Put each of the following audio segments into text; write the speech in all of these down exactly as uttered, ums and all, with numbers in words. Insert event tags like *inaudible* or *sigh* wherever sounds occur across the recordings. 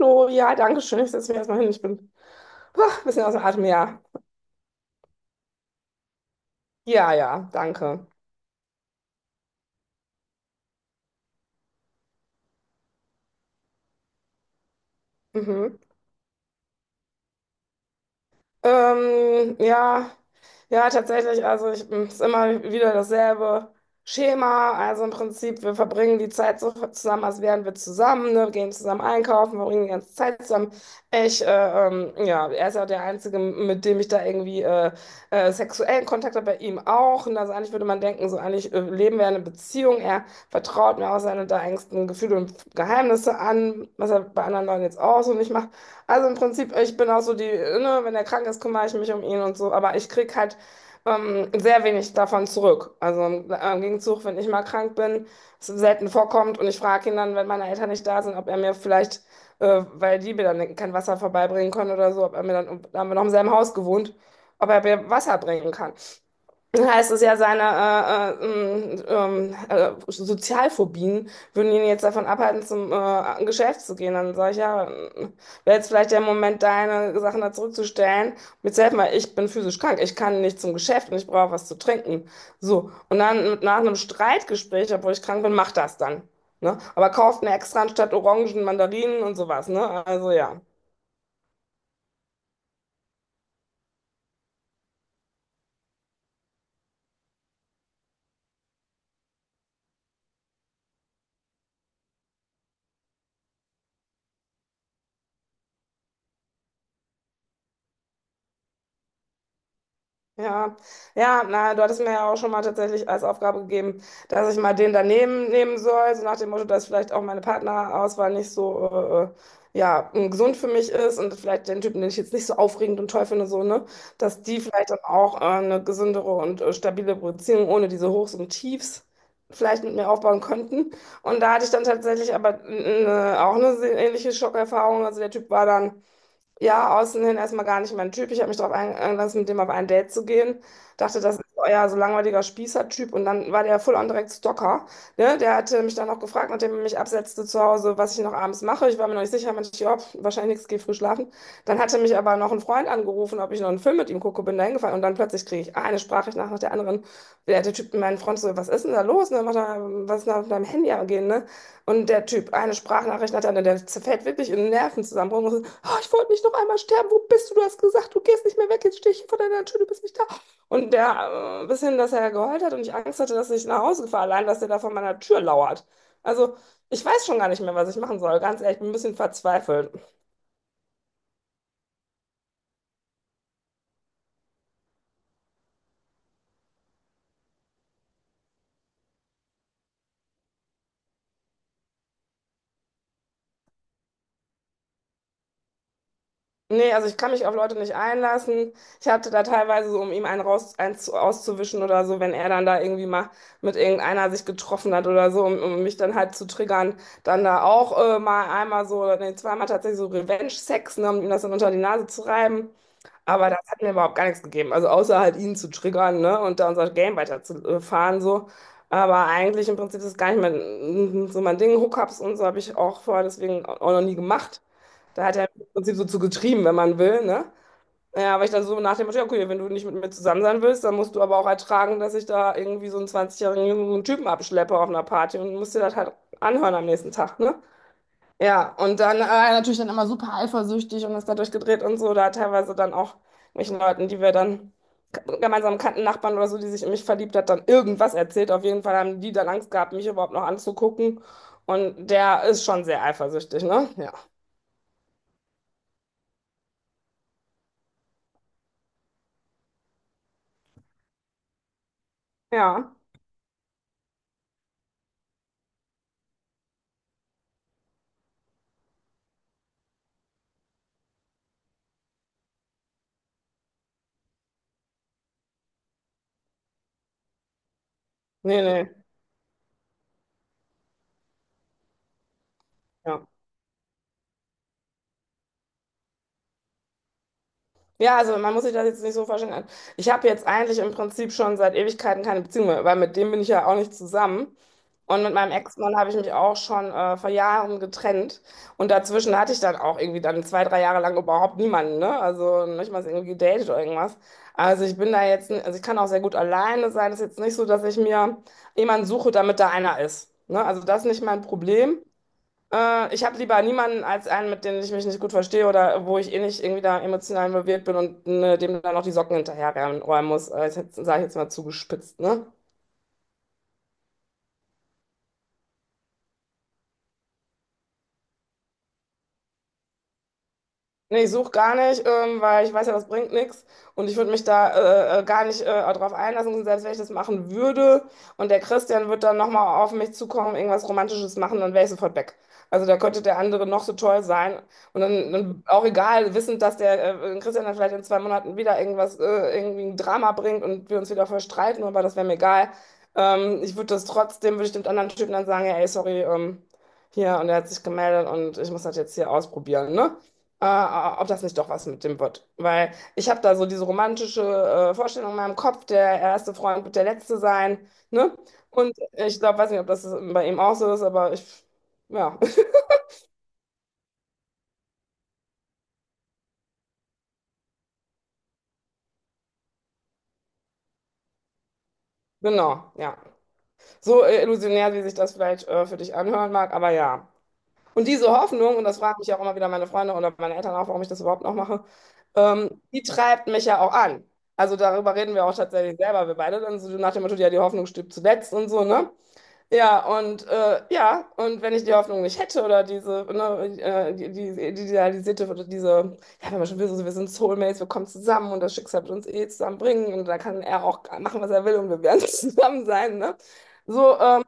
Oh, ja, danke schön. Ich setze mich erstmal hin. Ich bin ah, ein bisschen außer Atem. Ja, ja, ja, danke. Mhm. Ähm, ja, ja, tatsächlich. Also ich, es ist immer wieder dasselbe Schema. Also im Prinzip, wir verbringen die Zeit so zusammen, als wären wir zusammen, ne? Wir gehen zusammen einkaufen, verbringen die ganze Zeit zusammen. Ich, äh, ähm, ja, er ist ja der Einzige, mit dem ich da irgendwie äh, äh, sexuellen Kontakt habe, bei ihm auch. Und also eigentlich würde man denken, so eigentlich äh, leben wir eine Beziehung. Er vertraut mir auch seine da engsten Gefühle und Geheimnisse an, was er bei anderen Leuten jetzt auch so nicht macht. Also im Prinzip, ich bin auch so die, ne, wenn er krank ist, kümmere ich mich um ihn und so, aber ich krieg halt ähm, sehr wenig davon zurück. Also im, im Gegenzug, wenn ich mal krank bin, es selten vorkommt und ich frage ihn dann, wenn meine Eltern nicht da sind, ob er mir vielleicht, äh, weil die mir dann kein Wasser vorbeibringen können oder so, ob er mir dann, da haben wir noch im selben Haus gewohnt, ob er mir Wasser bringen kann, heißt es ja, seine äh, äh, ähm, ähm, äh, Sozialphobien würden ihn jetzt davon abhalten, zum äh, an Geschäft zu gehen. Dann sage ich, ja, äh, wäre jetzt vielleicht der Moment, deine Sachen da zurückzustellen. Jetzt helf mal, ich bin physisch krank, ich kann nicht zum Geschäft und ich brauche was zu trinken. So, und dann mit- nach einem Streitgespräch, obwohl ich krank bin, macht das dann. Ne? Aber kauft mir extra anstatt Orangen, Mandarinen und sowas. Ne? Also ja. Ja, ja, na, du hattest mir ja auch schon mal tatsächlich als Aufgabe gegeben, dass ich mal den daneben nehmen soll, so nach dem Motto, dass vielleicht auch meine Partnerauswahl nicht so, äh, ja, mm, gesund für mich ist und vielleicht den Typen, den ich jetzt nicht so aufregend und toll finde, so, ne, dass die vielleicht dann auch äh, eine gesündere und äh, stabile Beziehung ohne diese Hochs und Tiefs vielleicht mit mir aufbauen könnten. Und da hatte ich dann tatsächlich aber äh, auch eine ähnliche Schockerfahrung. Also der Typ war dann ja, außen hin erstmal gar nicht mein Typ. Ich habe mich darauf eingelassen, mit dem auf ein Date zu gehen. Dachte, das ist euer so langweiliger Spießer-Typ. Und dann war der full on direkt Stalker. Ne? Der hatte mich dann auch gefragt, nachdem er mich absetzte zu Hause, was ich noch abends mache. Ich war mir noch nicht sicher, meinte ich, ja, pf, wahrscheinlich nichts, geh früh schlafen. Dann hatte mich aber noch ein Freund angerufen, ob ich noch einen Film mit ihm gucke, bin da hingefallen. Und dann plötzlich kriege ich eine Sprachnachricht nach, nach der anderen. Der, der Typ, mein Freund, so, was ist denn da los? Ne? Macht er, was ist denn da auf deinem Handy gehen? Ne? Und der Typ, eine Sprachnachricht hat er, der zerfällt wirklich in einen Nervenzusammenbruch. Und so, oh, ich wollte nicht noch einmal sterben. Wo bist du? Du hast gesagt, du gehst nicht mehr weg. Jetzt stehe ich hier vor deiner Tür, du bist nicht da. Und der, äh, bis hin, dass er geheult hat und ich Angst hatte, dass ich nach Hause fahre, allein, dass er da vor meiner Tür lauert. Also, ich weiß schon gar nicht mehr, was ich machen soll. Ganz ehrlich, ich bin ein bisschen verzweifelt. Nee, also ich kann mich auf Leute nicht einlassen. Ich hatte da teilweise so, um ihm einen raus, einen auszuwischen oder so, wenn er dann da irgendwie mal mit irgendeiner sich getroffen hat oder so, um, um mich dann halt zu triggern, dann da auch äh, mal einmal so, nee, zweimal tatsächlich so Revenge-Sex, ne, um ihm das dann unter die Nase zu reiben. Aber das hat mir überhaupt gar nichts gegeben. Also außer halt ihn zu triggern, ne, und da unser Game weiterzufahren, so. Aber eigentlich im Prinzip ist es gar nicht mein, so mein Ding. Hookups und so habe ich auch vorher deswegen auch noch nie gemacht. Da hat er im Prinzip so zu getrieben, wenn man will, ne? Ja, weil ich dann so nach dem Motto, ja, okay, wenn du nicht mit mir zusammen sein willst, dann musst du aber auch ertragen, dass ich da irgendwie so einen zwanzig-jährigen jungen Typen abschleppe auf einer Party und musst dir das halt anhören am nächsten Tag, ne? Ja, und dann äh, natürlich dann immer super eifersüchtig und ist dadurch gedreht und so, da teilweise dann auch welchen Leuten, die wir dann k- gemeinsam kannten, Nachbarn oder so, die sich in mich verliebt hat, dann irgendwas erzählt. Auf jeden Fall haben die dann Angst gehabt, mich überhaupt noch anzugucken. Und der ist schon sehr eifersüchtig, ne? Ja. Ja. Nee, nee. Ja. Ja, also man muss sich das jetzt nicht so vorstellen. Also ich habe jetzt eigentlich im Prinzip schon seit Ewigkeiten keine Beziehung mehr, weil mit dem bin ich ja auch nicht zusammen. Und mit meinem Ex-Mann habe ich mich auch schon äh, vor Jahren getrennt. Und dazwischen hatte ich dann auch irgendwie dann zwei, drei Jahre lang überhaupt niemanden, ne? Also nicht mal irgendwie gedatet oder irgendwas. Also ich bin da jetzt, n- also ich kann auch sehr gut alleine sein. Es ist jetzt nicht so, dass ich mir jemanden suche, damit da einer ist. Ne? Also das ist nicht mein Problem. Äh, ich habe lieber niemanden als einen, mit dem ich mich nicht gut verstehe oder wo ich eh nicht irgendwie da emotional involviert bin und ne, dem dann noch die Socken hinterherräumen muss. Äh, das sage ich jetzt mal zugespitzt, ne? Nee, ich suche gar nicht, ähm, weil ich weiß ja, das bringt nichts. Und ich würde mich da äh, äh, gar nicht äh, darauf einlassen, selbst wenn ich das machen würde. Und der Christian wird dann nochmal auf mich zukommen, irgendwas Romantisches machen, dann wäre ich sofort weg. Also da könnte der andere noch so toll sein. Und dann, dann auch egal, wissend, dass der äh, äh, Christian dann vielleicht in zwei Monaten wieder irgendwas, äh, irgendwie ein Drama bringt und wir uns wieder verstreiten, aber das wäre mir egal. Ähm, ich würde das trotzdem, würde ich dem anderen Typen dann sagen, ja, ey, sorry, ähm, hier, und er hat sich gemeldet und ich muss das jetzt hier ausprobieren, ne? Äh, äh, ob das nicht doch was mit dem wird. Weil ich habe da so diese romantische äh, Vorstellung in meinem Kopf, der erste Freund wird der letzte sein, ne? Und ich glaube, weiß nicht, ob das bei ihm auch so ist, aber ich, ja, *laughs* genau, ja. So äh, illusionär, wie sich das vielleicht äh, für dich anhören mag, aber ja. Und diese Hoffnung, und das fragen mich auch immer wieder meine Freunde oder meine Eltern auch, warum ich das überhaupt noch mache, ähm, die treibt mich ja auch an. Also darüber reden wir auch tatsächlich selber, wir beide dann so nach dem Motto, ja, die Hoffnung stirbt zuletzt und so, ne? Ja, und äh, ja, und wenn ich die Hoffnung nicht hätte oder diese, ne, äh, die, die, die idealisierte oder diese, ja, wenn man schon will, so, wir sind Soulmates, wir kommen zusammen und das Schicksal wird uns eh zusammenbringen und da kann er auch machen, was er will und wir werden *laughs* zusammen sein, ne? So ähm,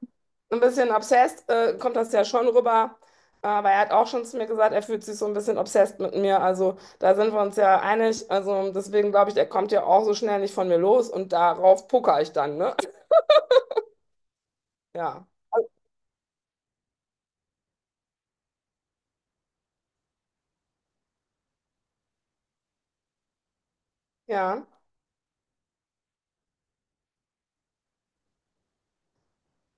ein bisschen obsessed äh, kommt das ja schon rüber, aber er hat auch schon zu mir gesagt, er fühlt sich so ein bisschen obsessed mit mir, also da sind wir uns ja einig, also deswegen glaube ich, er kommt ja auch so schnell nicht von mir los und darauf pokere ich dann, ne? Ja, ja.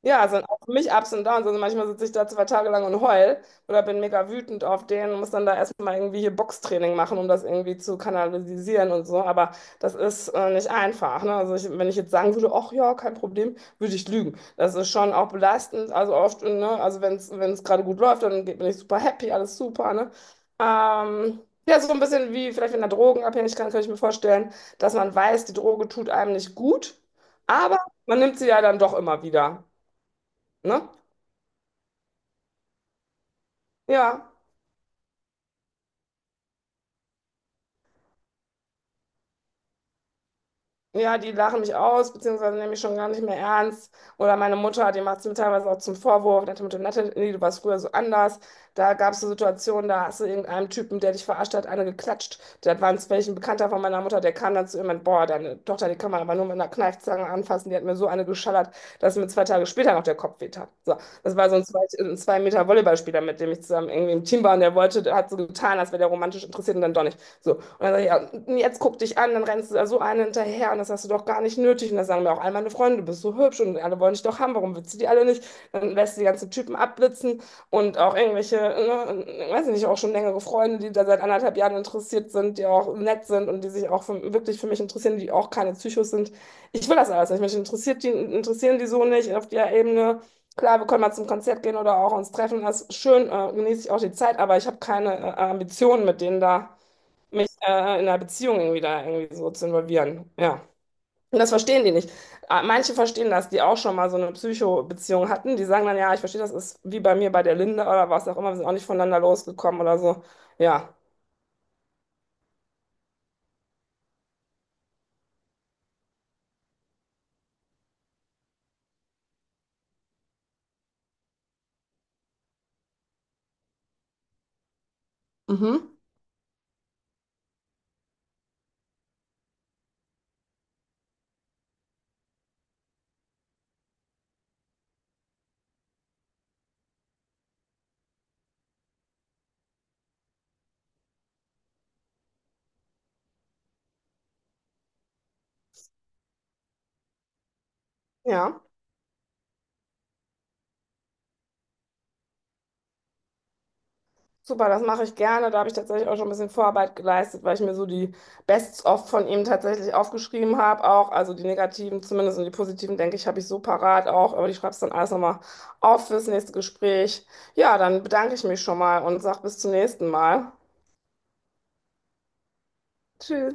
Ja, es sind auch für mich Ups und Downs. Also manchmal sitze ich da zwei Tage lang und heul oder bin mega wütend auf den und muss dann da erstmal irgendwie hier Boxtraining machen, um das irgendwie zu kanalisieren und so. Aber das ist äh, nicht einfach. Ne? Also ich, wenn ich jetzt sagen würde, ach ja, kein Problem, würde ich lügen. Das ist schon auch belastend. Also oft, ne? Also wenn es wenn es gerade gut läuft, dann bin ich super happy, alles super. Ne? Ähm, ja, so ein bisschen wie vielleicht in der Drogenabhängigkeit kann ich mir vorstellen, dass man weiß, die Droge tut einem nicht gut, aber man nimmt sie ja dann doch immer wieder. Ne? Ja, ja, die lachen mich aus, beziehungsweise nehmen mich schon gar nicht mehr ernst. Oder meine Mutter, die macht es mir teilweise auch zum Vorwurf. Nach dem Motto, Natalie, nee, du warst früher so anders. Da gab es so Situationen, da hast du irgendeinem Typen, der dich verarscht hat, eine geklatscht. Das war ein welchen Bekannter von meiner Mutter, der kam dann zu ihm und, boah, deine Tochter, die kann man aber nur mit einer Kneifzange anfassen. Die hat mir so eine geschallert, dass mir zwei Tage später noch der Kopf wehtat. So, das war so ein zwei, ein zwei Meter Volleyballspieler, mit dem ich zusammen irgendwie im Team war und der wollte, hat so getan, als wäre der romantisch interessiert und dann doch nicht. So. Und dann sag ich, ja, und jetzt guck dich an, dann rennst du da so einen hinterher und das hast du doch gar nicht nötig. Und dann sagen mir auch all meine Freunde, du bist so hübsch und alle wollen dich doch haben, warum willst du die alle nicht? Dann lässt du die ganzen Typen abblitzen und auch irgendwelche, ne, weiß ich nicht, auch schon längere Freunde, die da seit anderthalb Jahren interessiert sind, die auch nett sind und die sich auch für, wirklich für mich interessieren, die auch keine Psychos sind. Ich will das alles nicht. Mich interessiert die, interessieren die so nicht auf der Ebene. Klar, wir können mal zum Konzert gehen oder auch uns treffen. Das ist schön, äh, genieße ich auch die Zeit, aber ich habe keine äh, Ambitionen mit denen da mich äh, in der Beziehung irgendwie da irgendwie so zu involvieren. Ja. Und das verstehen die nicht. Äh, Manche verstehen das, die auch schon mal so eine Psycho-Beziehung hatten. Die sagen dann, ja, ich verstehe, das ist wie bei mir bei der Linde oder was auch immer, wir sind auch nicht voneinander losgekommen oder so. Ja. Mhm. Ja. Super, das mache ich gerne. Da habe ich tatsächlich auch schon ein bisschen Vorarbeit geleistet, weil ich mir so die Bests-of von ihm tatsächlich aufgeschrieben habe. Auch, also die negativen zumindest und die positiven, denke ich, habe ich so parat auch. Aber ich schreibe es dann alles nochmal auf fürs nächste Gespräch. Ja, dann bedanke ich mich schon mal und sag bis zum nächsten Mal. Tschüss.